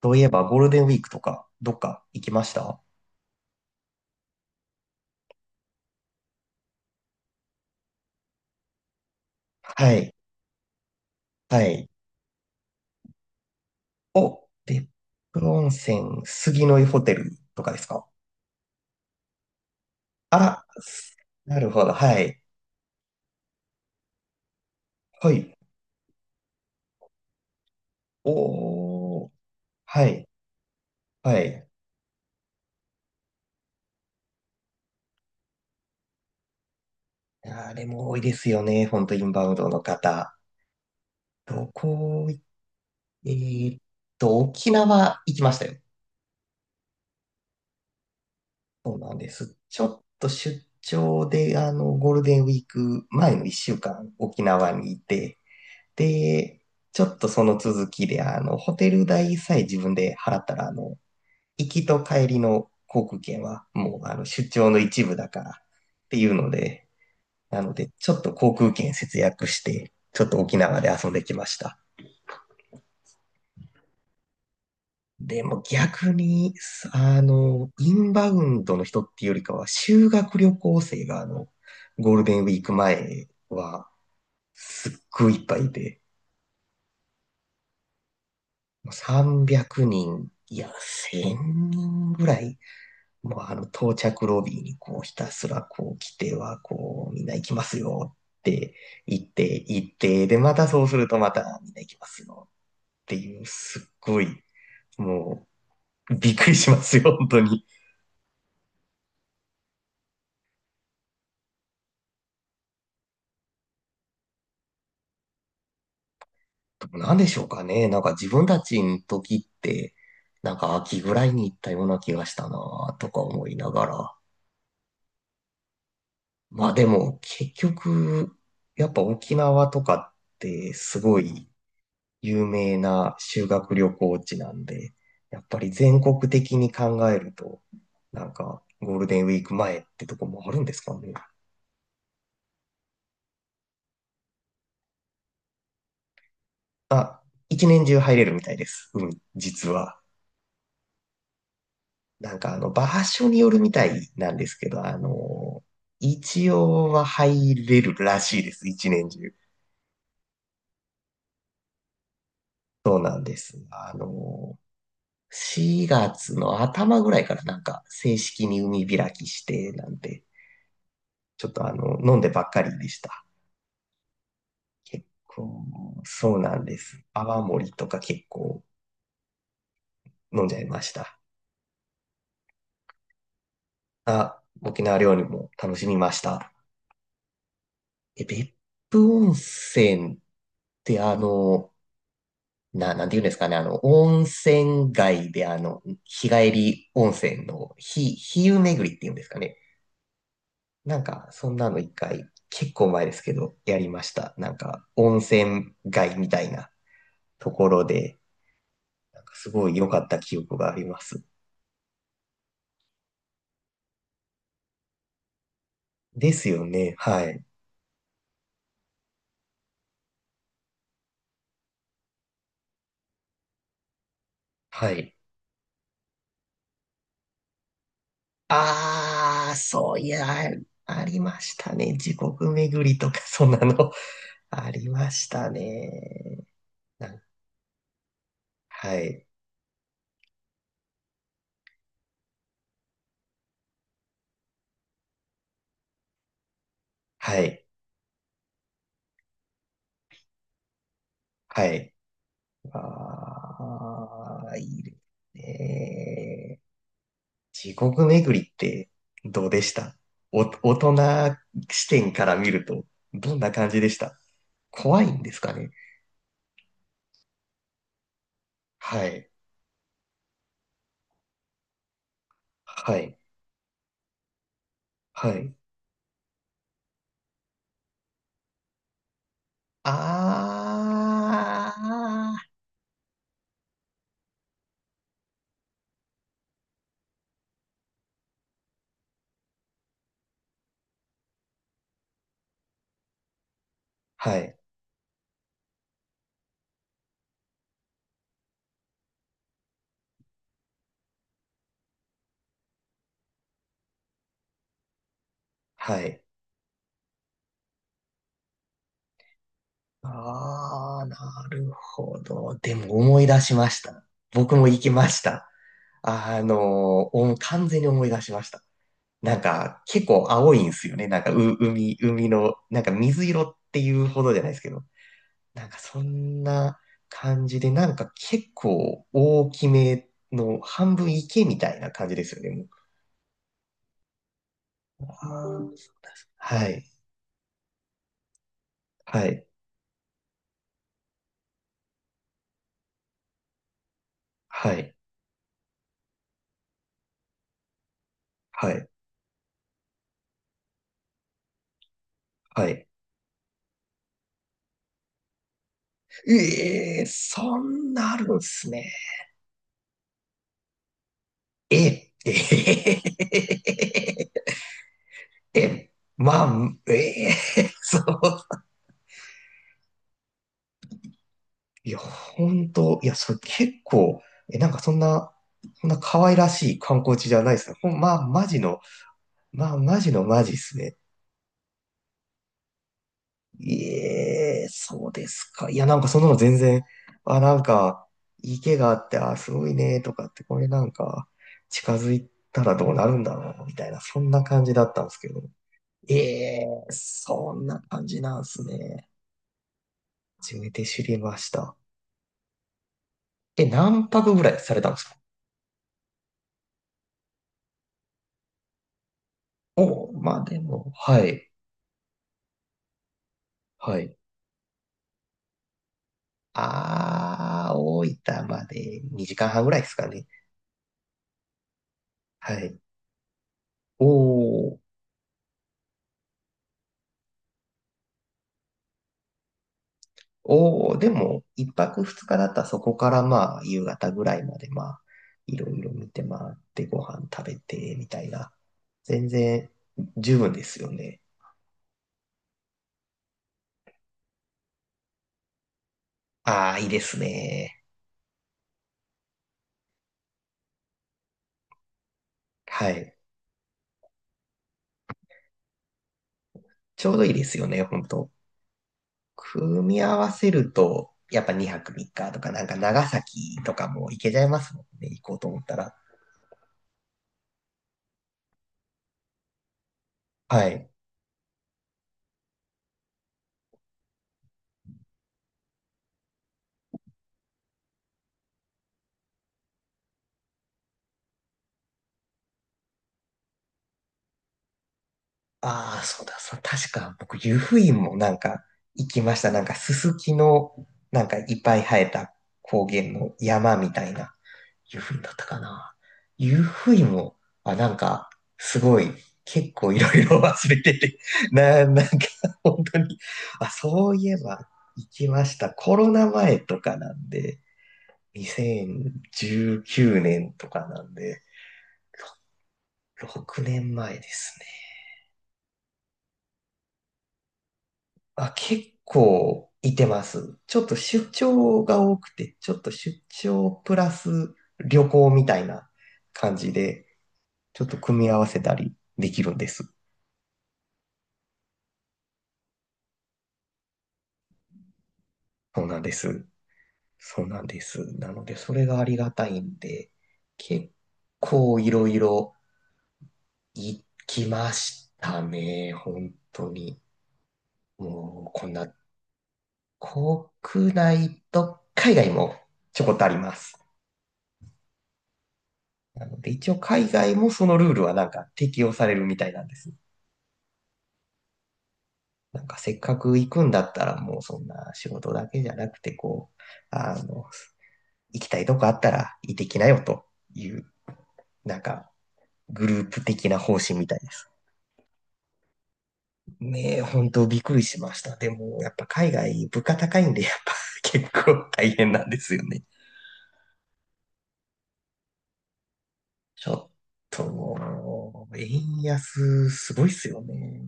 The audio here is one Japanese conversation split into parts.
とういえば、ゴールデンウィークとか、どっか行きました？はい。はい。お、別府温泉、杉の湯ホテルとかですか？あ、なるほど。はい。はい。おー。はい。はい。あれも多いですよね。本当インバウンドの方。どこ行っ、えーっと、沖縄行きましたよ。そうなんです。ちょっと出張で、ゴールデンウィーク前の1週間、沖縄にいて、で、ちょっとその続きで、ホテル代さえ自分で払ったら、行きと帰りの航空券はもう、出張の一部だからっていうので、なので、ちょっと航空券節約して、ちょっと沖縄で遊んできました。でも逆に、インバウンドの人っていうよりかは、修学旅行生が、ゴールデンウィーク前は、すっごいいっぱいいて、300人、いや、1000人ぐらい、もうあの到着ロビーにこうひたすらこう来てはこうみんな行きますよって言って行って、でまたそうするとまたみんな行きますよっていう、すっごい、もうびっくりしますよ本当に。何でしょうかね。なんか自分たちの時ってなんか秋ぐらいに行ったような気がしたなとか思いながら、まあでも結局やっぱ沖縄とかってすごい有名な修学旅行地なんで、やっぱり全国的に考えると、なんかゴールデンウィーク前ってとこもあるんですかね。まあ、一年中入れるみたいです。うん、実は。なんか場所によるみたいなんですけど、一応は入れるらしいです。一年中。そうなんです。4月の頭ぐらいからなんか正式に海開きして、なんて、ちょっと飲んでばっかりでした。結構、そうなんです。泡盛とか結構飲んじゃいました。あ、沖縄料理も楽しみました。え、別府温泉ってなんて言うんですかね、温泉街で日帰り温泉の日湯巡りっていうんですかね。なんか、そんなの一回、結構前ですけど、やりました。なんか、温泉街みたいなところで、なんかすごい良かった記憶があります。ですよね。はい。はい。ああ、そういや、ありましたね。地獄巡りとか、そんなの ありましたね。なんはい、はい、はい。ああ、いいですね。地獄巡りってどうでした？お、大人視点から見ると、どんな感じでした？怖いんですかね？はい、はい、はい。ああ、はい、はい。ああ、なるほど。でも思い出しました。僕も行きました。完全に思い出しました。なんか、結構青いんですよね。なんか、海の、なんか水色っていうほどじゃないですけど。なんか、そんな感じで、なんか結構大きめの半分池みたいな感じですよね。もう、あーはい、はい、はい、はい、はい。ええ、そんなあるんですね。え、ええ、え、まあ、ええ、そう。いや、本当、いや、それ結構、え、なんかそんな可愛らしい観光地じゃないですね。ほんまあ、マジのマジですね。ええ、そうですか。いや、なんかそんなの全然、あ、なんか、池があって、あ、すごいね、とかって、これなんか、近づいたらどうなるんだろう、みたいな、そんな感じだったんですけど。ええ、そんな感じなんですね。初めて知りました。え、何泊ぐらいされたんですか？お、まあでも、はい、はい。あー、大分まで2時間半ぐらいですかね。はい。おー、おー、でも、1泊2日だったらそこからまあ、夕方ぐらいまでまあ、いろいろ見て回ってご飯食べて、みたいな。全然、十分ですよね。あー、いいですね。はい。ちょうどいいですよね、本当。組み合わせると、やっぱ2泊3日とか、なんか長崎とかも行けちゃいますもんね、行こうと思ったら。はい。ああ、そうだ、そう、確か僕、湯布院もなんか行きました。なんかススキの、なんかいっぱい生えた高原の山みたいな、湯布院だったかな。湯布院も、あ、なんか、すごい、結構いろいろ忘れてて、なんか、本当に、あ、そういえば行きました。コロナ前とかなんで、2019年とかなんで、6年前ですね。あ、結構いてます。ちょっと出張が多くて、ちょっと出張プラス旅行みたいな感じで、ちょっと組み合わせたりできるんです。そうなんです。そうなんです。なので、それがありがたいんで、結構いろいろ行きましたね。本当に。もう、こんな、国内と海外もちょこっとあります。なので一応海外もそのルールはなんか適用されるみたいなんです。なんかせっかく行くんだったらもうそんな仕事だけじゃなくてこう、あの、行きたいとこあったら行ってきなよという、なんかグループ的な方針みたいです。ねえ、本当びっくりしました。でもやっぱ海外物価高いんでやっぱ結構大変なんですよね。ちょっと、円安すごいっすよね。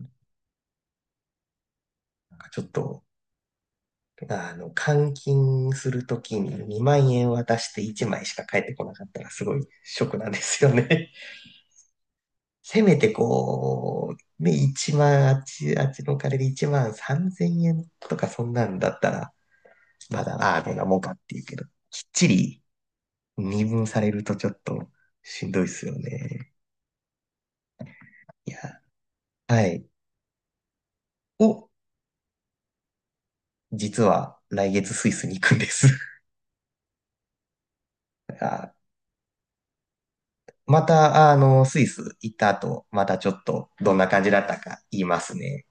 ちょっと、換金するときに2万円渡して1枚しか返ってこなかったらすごいショックなんですよね。せめてこう、ね、1万、あっちのお金で1万3000円とかそんなんだったら、まだ、ああ、どんなもんかっていうけど、きっちり二分されるとちょっとしんどいですよね。いや、はい。を、実は来月スイスに行くんです。あまた、スイス行った後、またちょっとどんな感じだったか言いますね。